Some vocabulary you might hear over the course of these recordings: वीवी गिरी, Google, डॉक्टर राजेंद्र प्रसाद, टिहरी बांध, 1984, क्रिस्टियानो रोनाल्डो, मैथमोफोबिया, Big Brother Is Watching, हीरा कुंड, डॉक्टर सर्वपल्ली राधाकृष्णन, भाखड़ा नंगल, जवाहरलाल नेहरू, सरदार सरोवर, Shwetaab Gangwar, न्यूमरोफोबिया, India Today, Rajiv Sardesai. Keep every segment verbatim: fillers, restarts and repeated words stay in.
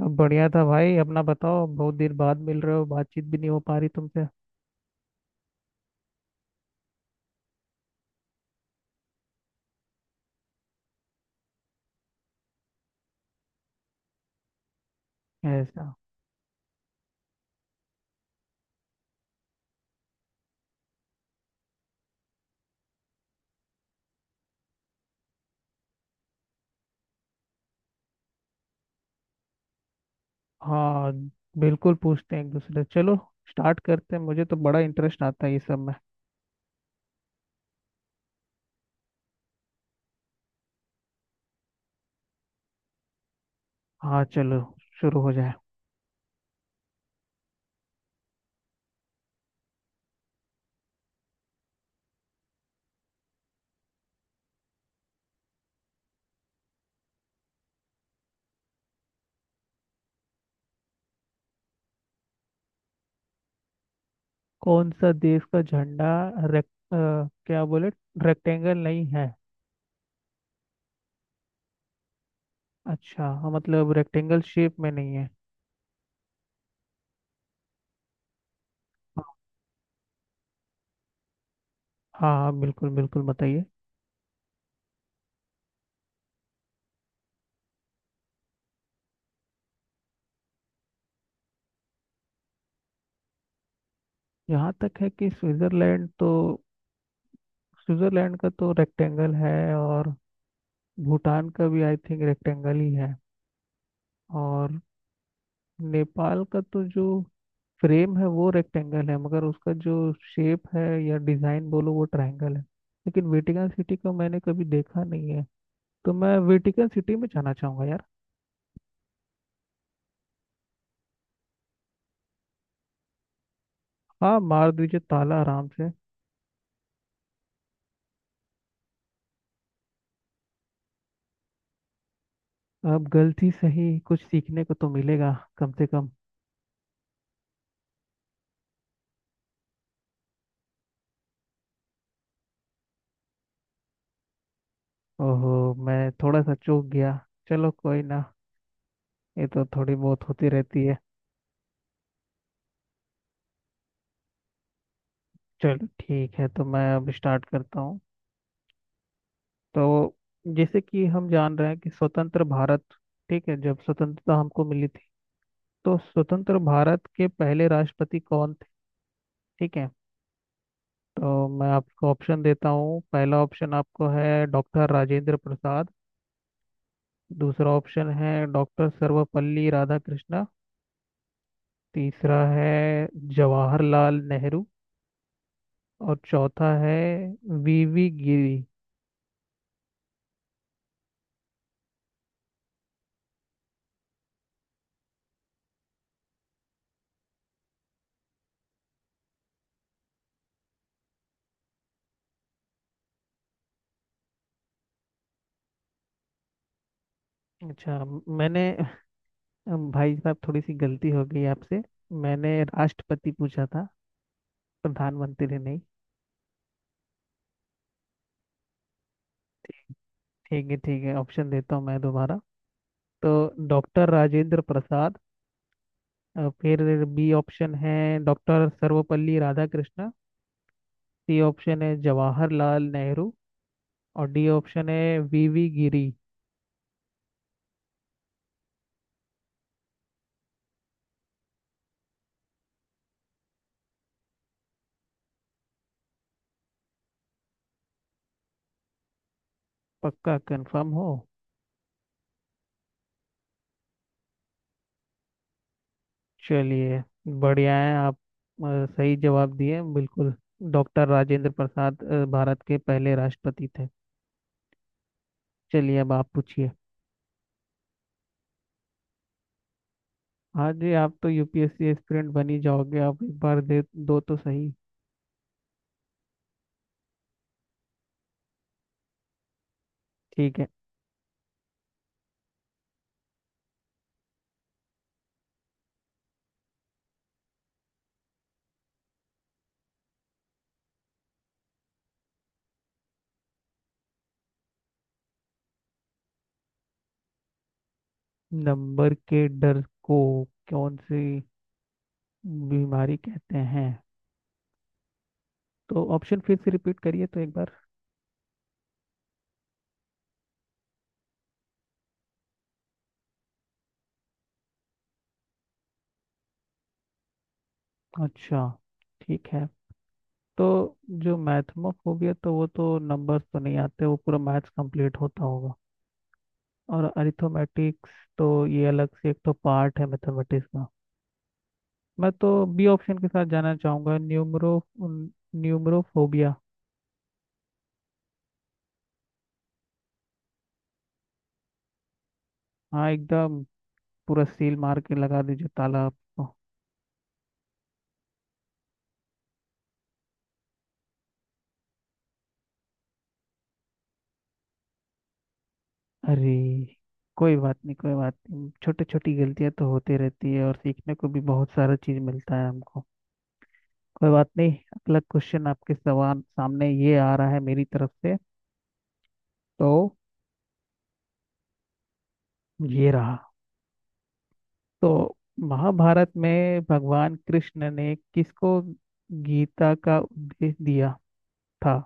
सब बढ़िया था भाई। अपना बताओ। बहुत देर बाद मिल रहे हो, बातचीत भी नहीं हो पा रही तुमसे। ऐसा? हाँ, बिल्कुल पूछते हैं एक दूसरे से। चलो, स्टार्ट करते हैं। मुझे तो बड़ा इंटरेस्ट आता है ये सब में। हाँ, चलो, शुरू हो जाए। कौन सा देश का झंडा? रेक अ, क्या बोले? रेक्टेंगल नहीं है? अच्छा हाँ, मतलब रेक्टेंगल शेप में नहीं है। हाँ, हाँ बिल्कुल बिल्कुल बताइए। यहाँ तक है कि स्विट्जरलैंड तो, स्विट्जरलैंड का तो रेक्टेंगल है। और भूटान का भी आई थिंक रेक्टेंगल ही है। और नेपाल का तो जो फ्रेम है वो रेक्टेंगल है, मगर उसका जो शेप है या डिजाइन बोलो वो ट्रायंगल है। लेकिन वेटिकन सिटी को मैंने कभी देखा नहीं है, तो मैं वेटिकन सिटी में जाना चाहूंगा यार। हाँ, मार दीजिए ताला आराम से। अब गलती सही, कुछ सीखने को तो मिलेगा कम से कम। ओहो, मैं थोड़ा सा चूक गया। चलो, कोई ना, ये तो थोड़ी बहुत होती रहती है। चलो ठीक है, तो मैं अब स्टार्ट करता हूँ। तो जैसे कि हम जान रहे हैं कि स्वतंत्र भारत, ठीक है, जब स्वतंत्रता हमको मिली थी, तो स्वतंत्र भारत के पहले राष्ट्रपति कौन थे? ठीक है, तो मैं आपको ऑप्शन देता हूँ। पहला ऑप्शन आपको है डॉक्टर राजेंद्र प्रसाद। दूसरा ऑप्शन है डॉक्टर सर्वपल्ली राधाकृष्णा। तीसरा है जवाहरलाल नेहरू। और चौथा है वीवी गिरी। अच्छा, मैंने, भाई साहब थोड़ी सी गलती हो गई आपसे, मैंने राष्ट्रपति पूछा था, प्रधानमंत्री नहीं। ठीक है ठीक है, ऑप्शन देता हूँ मैं दोबारा। तो डॉक्टर राजेंद्र प्रसाद, अ, फिर बी ऑप्शन है डॉक्टर सर्वपल्ली राधाकृष्णन। C option है जवाहरलाल नेहरू। और डी ऑप्शन है वीवी गिरी। पक्का कंफर्म हो? चलिए बढ़िया है, आप अ, सही जवाब दिए बिल्कुल। डॉक्टर राजेंद्र प्रसाद अ, भारत के पहले राष्ट्रपति थे। चलिए, अब आप पूछिए। हाँ जी, आप तो यूपीएससी एस्पिरेंट बन ही जाओगे, आप एक बार दे दो तो सही। ठीक है। नंबर के डर को कौन सी बीमारी कहते हैं? तो ऑप्शन फिर से रिपीट करिए तो एक बार। अच्छा ठीक है। तो जो मैथमोफोबिया, तो वो तो नंबर्स तो नहीं आते, वो पूरा मैथ्स कंप्लीट होता होगा। और अरिथमेटिक्स, तो ये अलग से एक तो पार्ट है मैथमेटिक्स का। मैं तो बी ऑप्शन के साथ जाना चाहूंगा, न्यूमरो न्यूमरोफोबिया। हाँ एकदम, पूरा सील मार के लगा दीजिए ताला आप। अरे, कोई बात नहीं कोई बात नहीं, छोटी छोटी गलतियां तो होती रहती है, और सीखने को भी बहुत सारा चीज मिलता है हमको। कोई बात नहीं, अगला क्वेश्चन आपके सवाल सामने ये आ रहा है मेरी तरफ से। तो ये रहा। तो महाभारत में भगवान कृष्ण ने किसको गीता का उपदेश दिया था?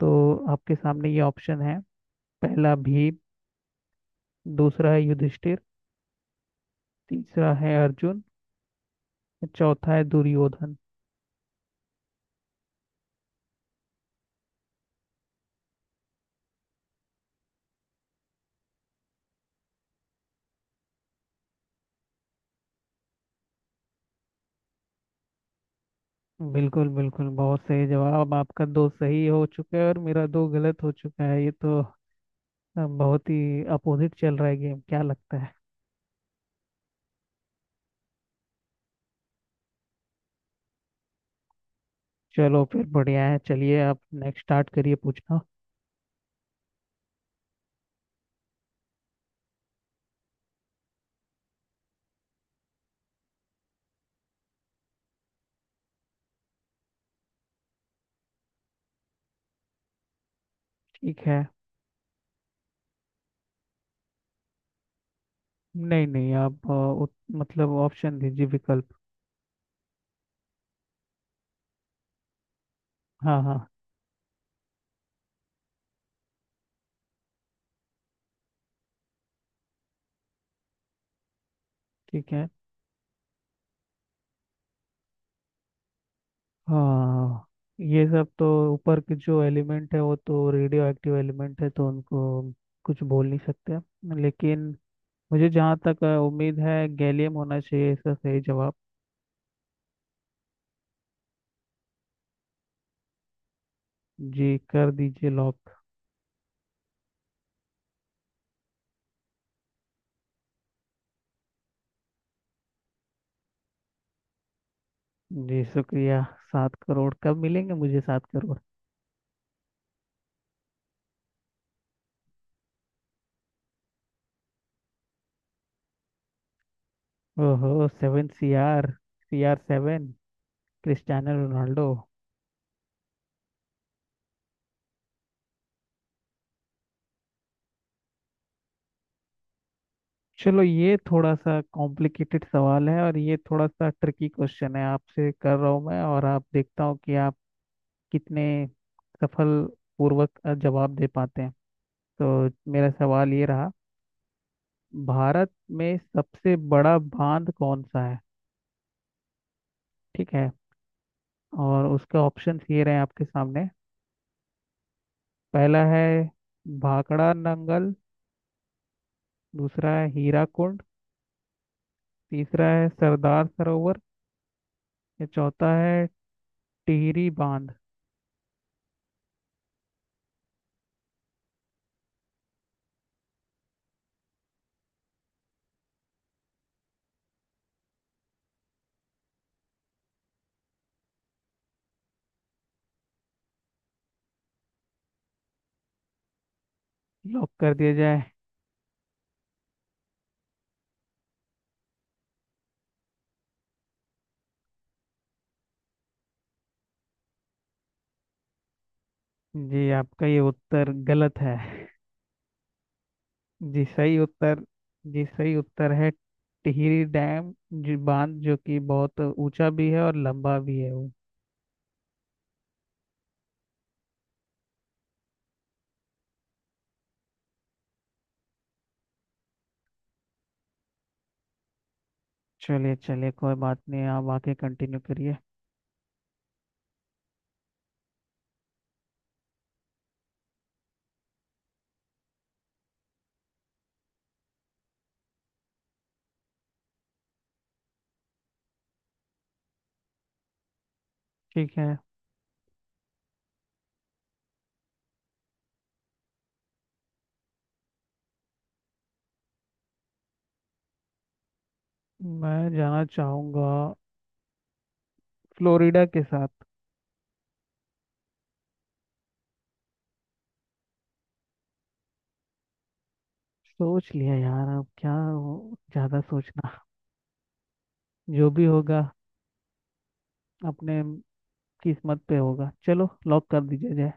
तो आपके सामने ये ऑप्शन है। पहला भीम। दूसरा है युधिष्ठिर। तीसरा है अर्जुन। चौथा है दुर्योधन। बिल्कुल बिल्कुल, बहुत सही जवाब आपका। दो सही हो चुका है और मेरा दो गलत हो चुका है, ये तो अ, बहुत ही अपोजिट चल रहा है गेम, क्या लगता है? चलो फिर बढ़िया है, चलिए आप नेक्स्ट स्टार्ट करिए पूछना। ठीक है। नहीं नहीं, आप अ, उत, मतलब ऑप्शन दीजिए, विकल्प। हाँ हाँ। ठीक है। हाँ, ये सब तो ऊपर के जो एलिमेंट है वो तो रेडियो एक्टिव एलिमेंट है, तो उनको कुछ बोल नहीं सकते। लेकिन मुझे जहाँ तक अ, उम्मीद है गैलियम होना चाहिए इसका सही जवाब। जी कर दीजिए लॉक। जी शुक्रिया। सात करोड़ कब मिलेंगे मुझे सात करोड़? ओहो seven C R, C R seven, क्रिस्टियानो रोनाल्डो। चलो, ये थोड़ा सा कॉम्प्लिकेटेड सवाल है, और ये थोड़ा सा ट्रिकी क्वेश्चन है आपसे कर रहा हूँ मैं, और आप देखता हूँ कि आप कितने सफल पूर्वक जवाब दे पाते हैं। तो मेरा सवाल ये रहा, भारत में सबसे बड़ा बांध कौन सा है? ठीक है, और उसके ऑप्शंस ये रहे आपके सामने। पहला है भाखड़ा नंगल। दूसरा है हीरा कुंड। तीसरा है सरदार सरोवर। या चौथा है टिहरी बांध। लॉक कर दिया जाए। जी आपका ये उत्तर गलत है। जी सही उत्तर, जी सही उत्तर है टिहरी डैम जी, बांध, जो कि बहुत ऊंचा भी है और लंबा भी है वो। चलिए चलिए, कोई बात नहीं, आप आगे कंटिन्यू करिए। ठीक है। मैं जाना चाहूंगा फ्लोरिडा के साथ। सोच लिया यार, अब क्या वो- ज्यादा सोचना। जो भी होगा अपने किस्मत पे होगा, चलो लॉक कर दीजिए जाए।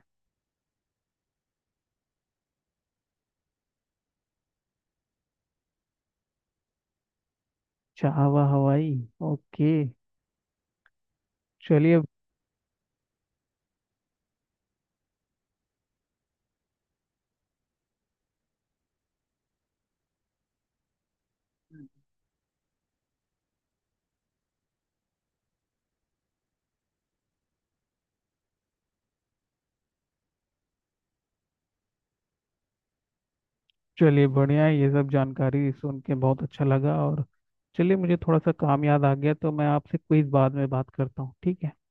चाहवा हवाई, ओके। चलिए चलिए बढ़िया है, ये सब जानकारी सुन के बहुत अच्छा लगा। और चलिए, मुझे थोड़ा सा काम याद आ गया, तो मैं आपसे क्विज बाद में बात करता हूँ, ठीक है।